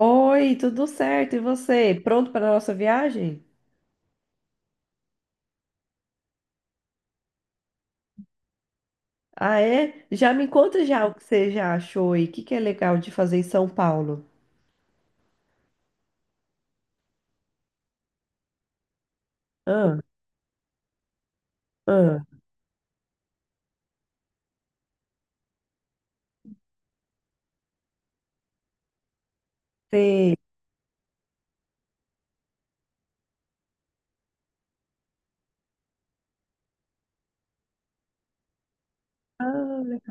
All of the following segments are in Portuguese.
Oi, tudo certo? E você? Pronto para a nossa viagem? Ah, é? Já me conta já o que você já achou e o que que é legal de fazer em São Paulo. Ah, ah, sei. Ah.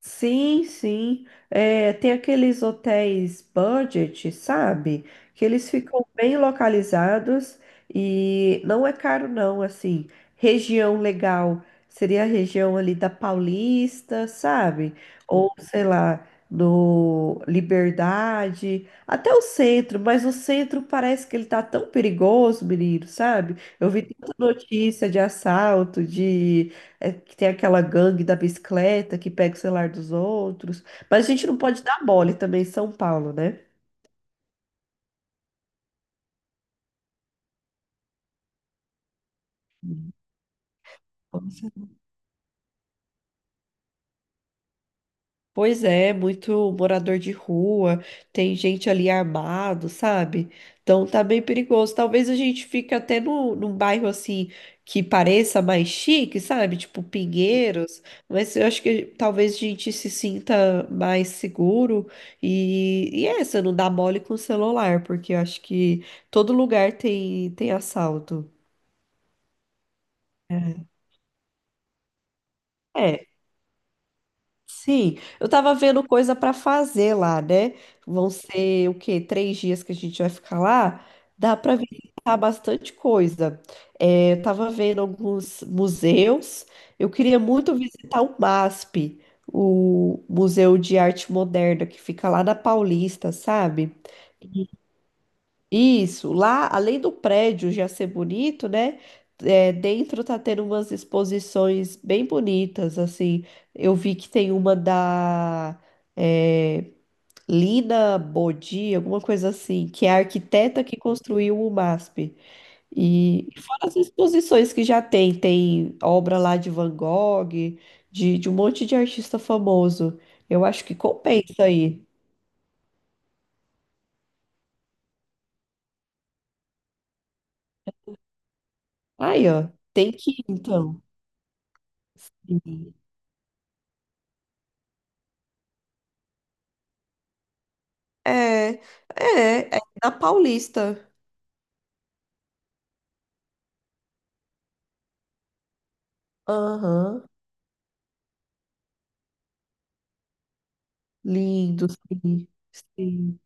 Sim, sim. É, tem aqueles hotéis budget, sabe? Que eles ficam bem localizados e não é caro, não. Assim, região legal seria a região ali da Paulista, sabe? Ou sei lá, no Liberdade, até o centro, mas o centro parece que ele tá tão perigoso, menino, sabe? Eu vi tanta notícia de assalto, de é que tem aquela gangue da bicicleta que pega o celular dos outros. Mas a gente não pode dar mole também em São Paulo, né? Pois é, muito morador de rua, tem gente ali armado, sabe? Então tá bem perigoso. Talvez a gente fique até no, num bairro assim que pareça mais chique, sabe? Tipo Pinheiros, mas eu acho que talvez a gente se sinta mais seguro e essa, não dá mole com o celular, porque eu acho que todo lugar tem assalto. É. Sim, eu tava vendo coisa para fazer lá, né? Vão ser o quê? Três dias que a gente vai ficar lá. Dá para visitar bastante coisa. É, eu tava vendo alguns museus. Eu queria muito visitar o MASP, o Museu de Arte Moderna, que fica lá na Paulista, sabe? Isso, lá, além do prédio já ser bonito, né? É, dentro tá tendo umas exposições bem bonitas, assim. Eu vi que tem uma da é, Lina Bodi, alguma coisa assim, que é a arquiteta que construiu o MASP. E fora as exposições que já tem, tem obra lá de Van Gogh, de um monte de artista famoso. Eu acho que compensa aí. Aí, ó, tem que ir, então. É, é na Paulista. Aham, lindo, sim,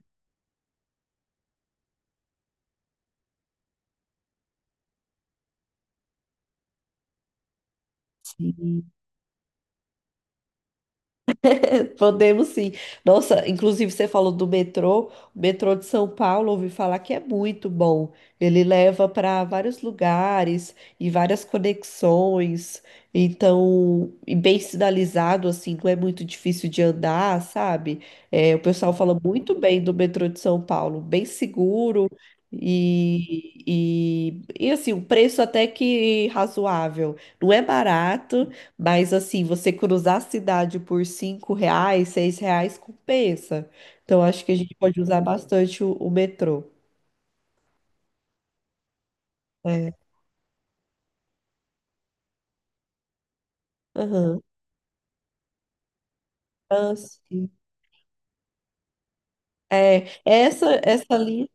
sim. Podemos sim. Nossa, inclusive você falou do metrô. O metrô de São Paulo, ouvi falar que é muito bom. Ele leva para vários lugares e várias conexões. Então, e bem sinalizado, assim, não é muito difícil de andar, sabe? É, o pessoal fala muito bem do metrô de São Paulo, bem seguro e assim, o preço até que razoável. Não é barato. Mas assim, você cruzar a cidade por cinco reais, seis reais compensa. Então acho que a gente pode usar bastante o metrô. É. Aham. Ah, sim. É, essa linha,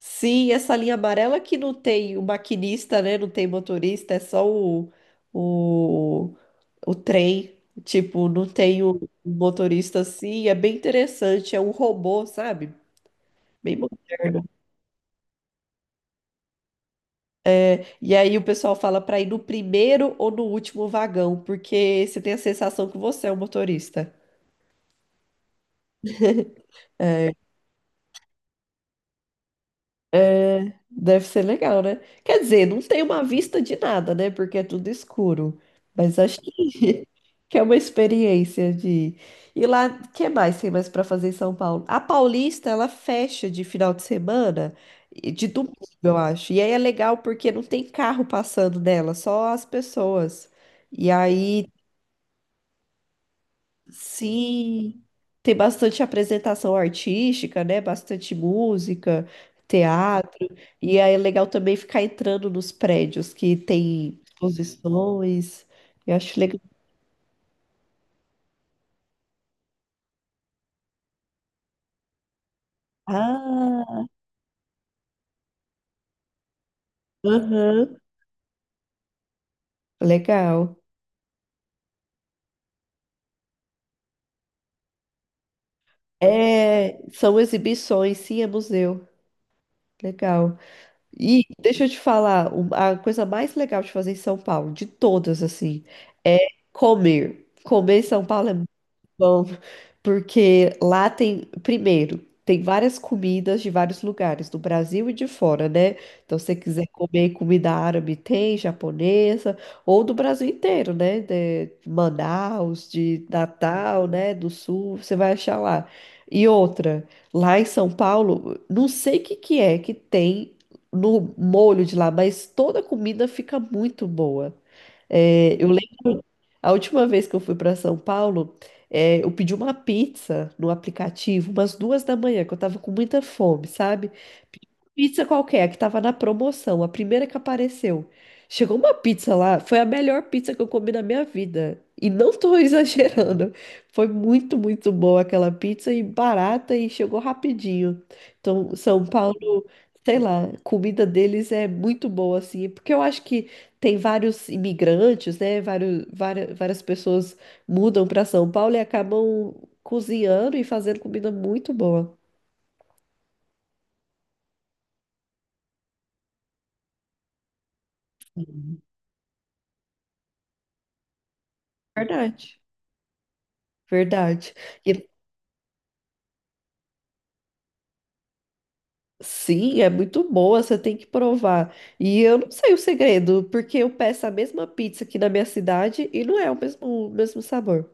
sim, essa linha amarela que não tem o maquinista, né? Não tem motorista, é só o, o trem. Tipo, não tem o motorista assim, é bem interessante, é um robô, sabe? Bem moderno. E aí o pessoal fala para ir no primeiro ou no último vagão, porque você tem a sensação que você é o motorista. Deve ser legal, né? Quer dizer, não tem uma vista de nada, né? Porque é tudo escuro. Mas acho que, que é uma experiência de. E lá, o que mais tem mais para fazer em São Paulo? A Paulista, ela fecha de final de semana, e de domingo, eu acho. E aí é legal porque não tem carro passando nela, só as pessoas. E aí sim, tem bastante apresentação artística, né? Bastante música, teatro. E aí é legal também ficar entrando nos prédios que tem exposições. Eu acho legal. Ah, aham, legal. É, são exibições, sim, é museu. Legal. E deixa eu te falar, a coisa mais legal de fazer em São Paulo, de todas, assim, é comer. Comer em São Paulo é bom, porque lá tem, primeiro, tem várias comidas de vários lugares, do Brasil e de fora, né? Então, se você quiser comer comida árabe, tem, japonesa, ou do Brasil inteiro, né? De Manaus, de Natal, né? Do Sul, você vai achar lá. E outra, lá em São Paulo, não sei o que que é que tem no molho de lá, mas toda comida fica muito boa. É, eu a última vez que eu fui para São Paulo, eu pedi uma pizza no aplicativo, umas duas da manhã, que eu tava com muita fome, sabe? Pedi uma pizza qualquer, que tava na promoção, a primeira que apareceu. Chegou uma pizza lá, foi a melhor pizza que eu comi na minha vida. E não tô exagerando. Foi muito, muito boa aquela pizza e barata e chegou rapidinho. Então, São Paulo, sei lá, comida deles é muito boa, assim, porque eu acho que tem vários imigrantes, né? Várias pessoas mudam para São Paulo e acabam cozinhando e fazendo comida muito boa. Verdade. Verdade. E, sim, é muito boa, você tem que provar. E eu não sei o segredo, porque eu peço a mesma pizza aqui na minha cidade e não é o mesmo sabor.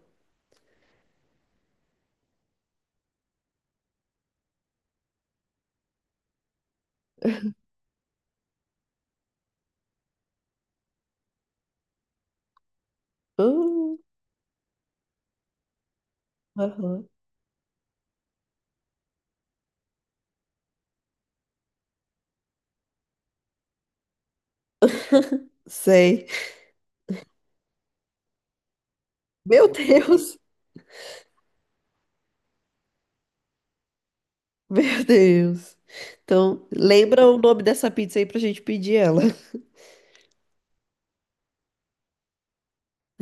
Hum, aham, sei. Meu Deus! Meu Deus! Então, lembra o nome dessa pizza aí pra gente pedir ela.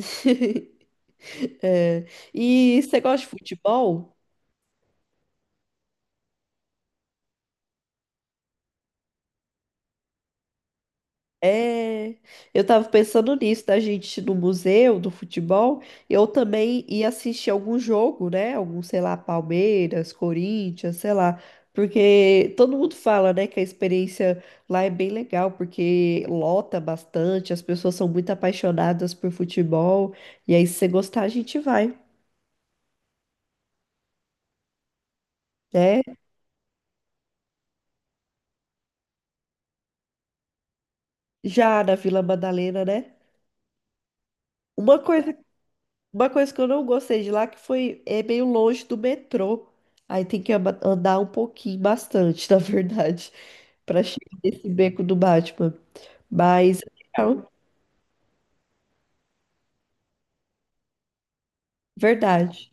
É, e você gosta de futebol? É, eu tava pensando nisso, da gente ir no museu do futebol, eu também ia assistir algum jogo, né? Algum, sei lá, Palmeiras, Corinthians, sei lá. Porque todo mundo fala, né, que a experiência lá é bem legal, porque lota bastante, as pessoas são muito apaixonadas por futebol, e aí se você gostar, a gente vai, né? Já na Vila Madalena, né? Uma coisa Uma coisa que eu não gostei de lá que foi é meio longe do metrô. Aí tem que andar um pouquinho, bastante, na verdade, para chegar nesse beco do Batman. Mas é legal, verdade,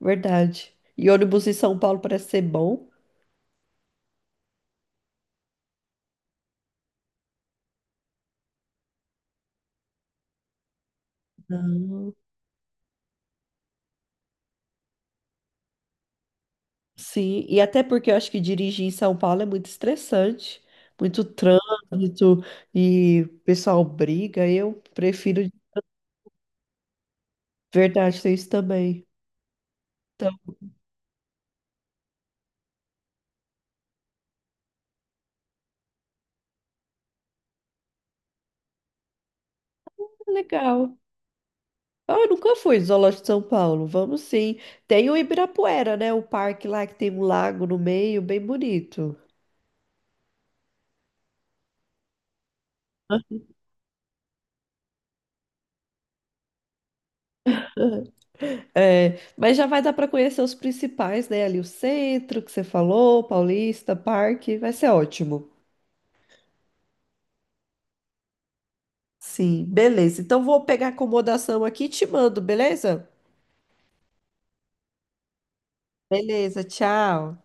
verdade. E ônibus em São Paulo parece ser bom. Sim, e até porque eu acho que dirigir em São Paulo é muito estressante, muito trânsito e o pessoal briga. Eu prefiro verdade ter isso também. Então, legal. Ah, eu nunca fui no Zoológico de São Paulo. Vamos sim. Tem o Ibirapuera, né? O parque lá que tem um lago no meio, bem bonito. É, mas já vai dar para conhecer os principais, né? Ali o centro que você falou, Paulista, Parque, vai ser ótimo. Sim, beleza. Então vou pegar a acomodação aqui e te mando, beleza? Beleza, tchau.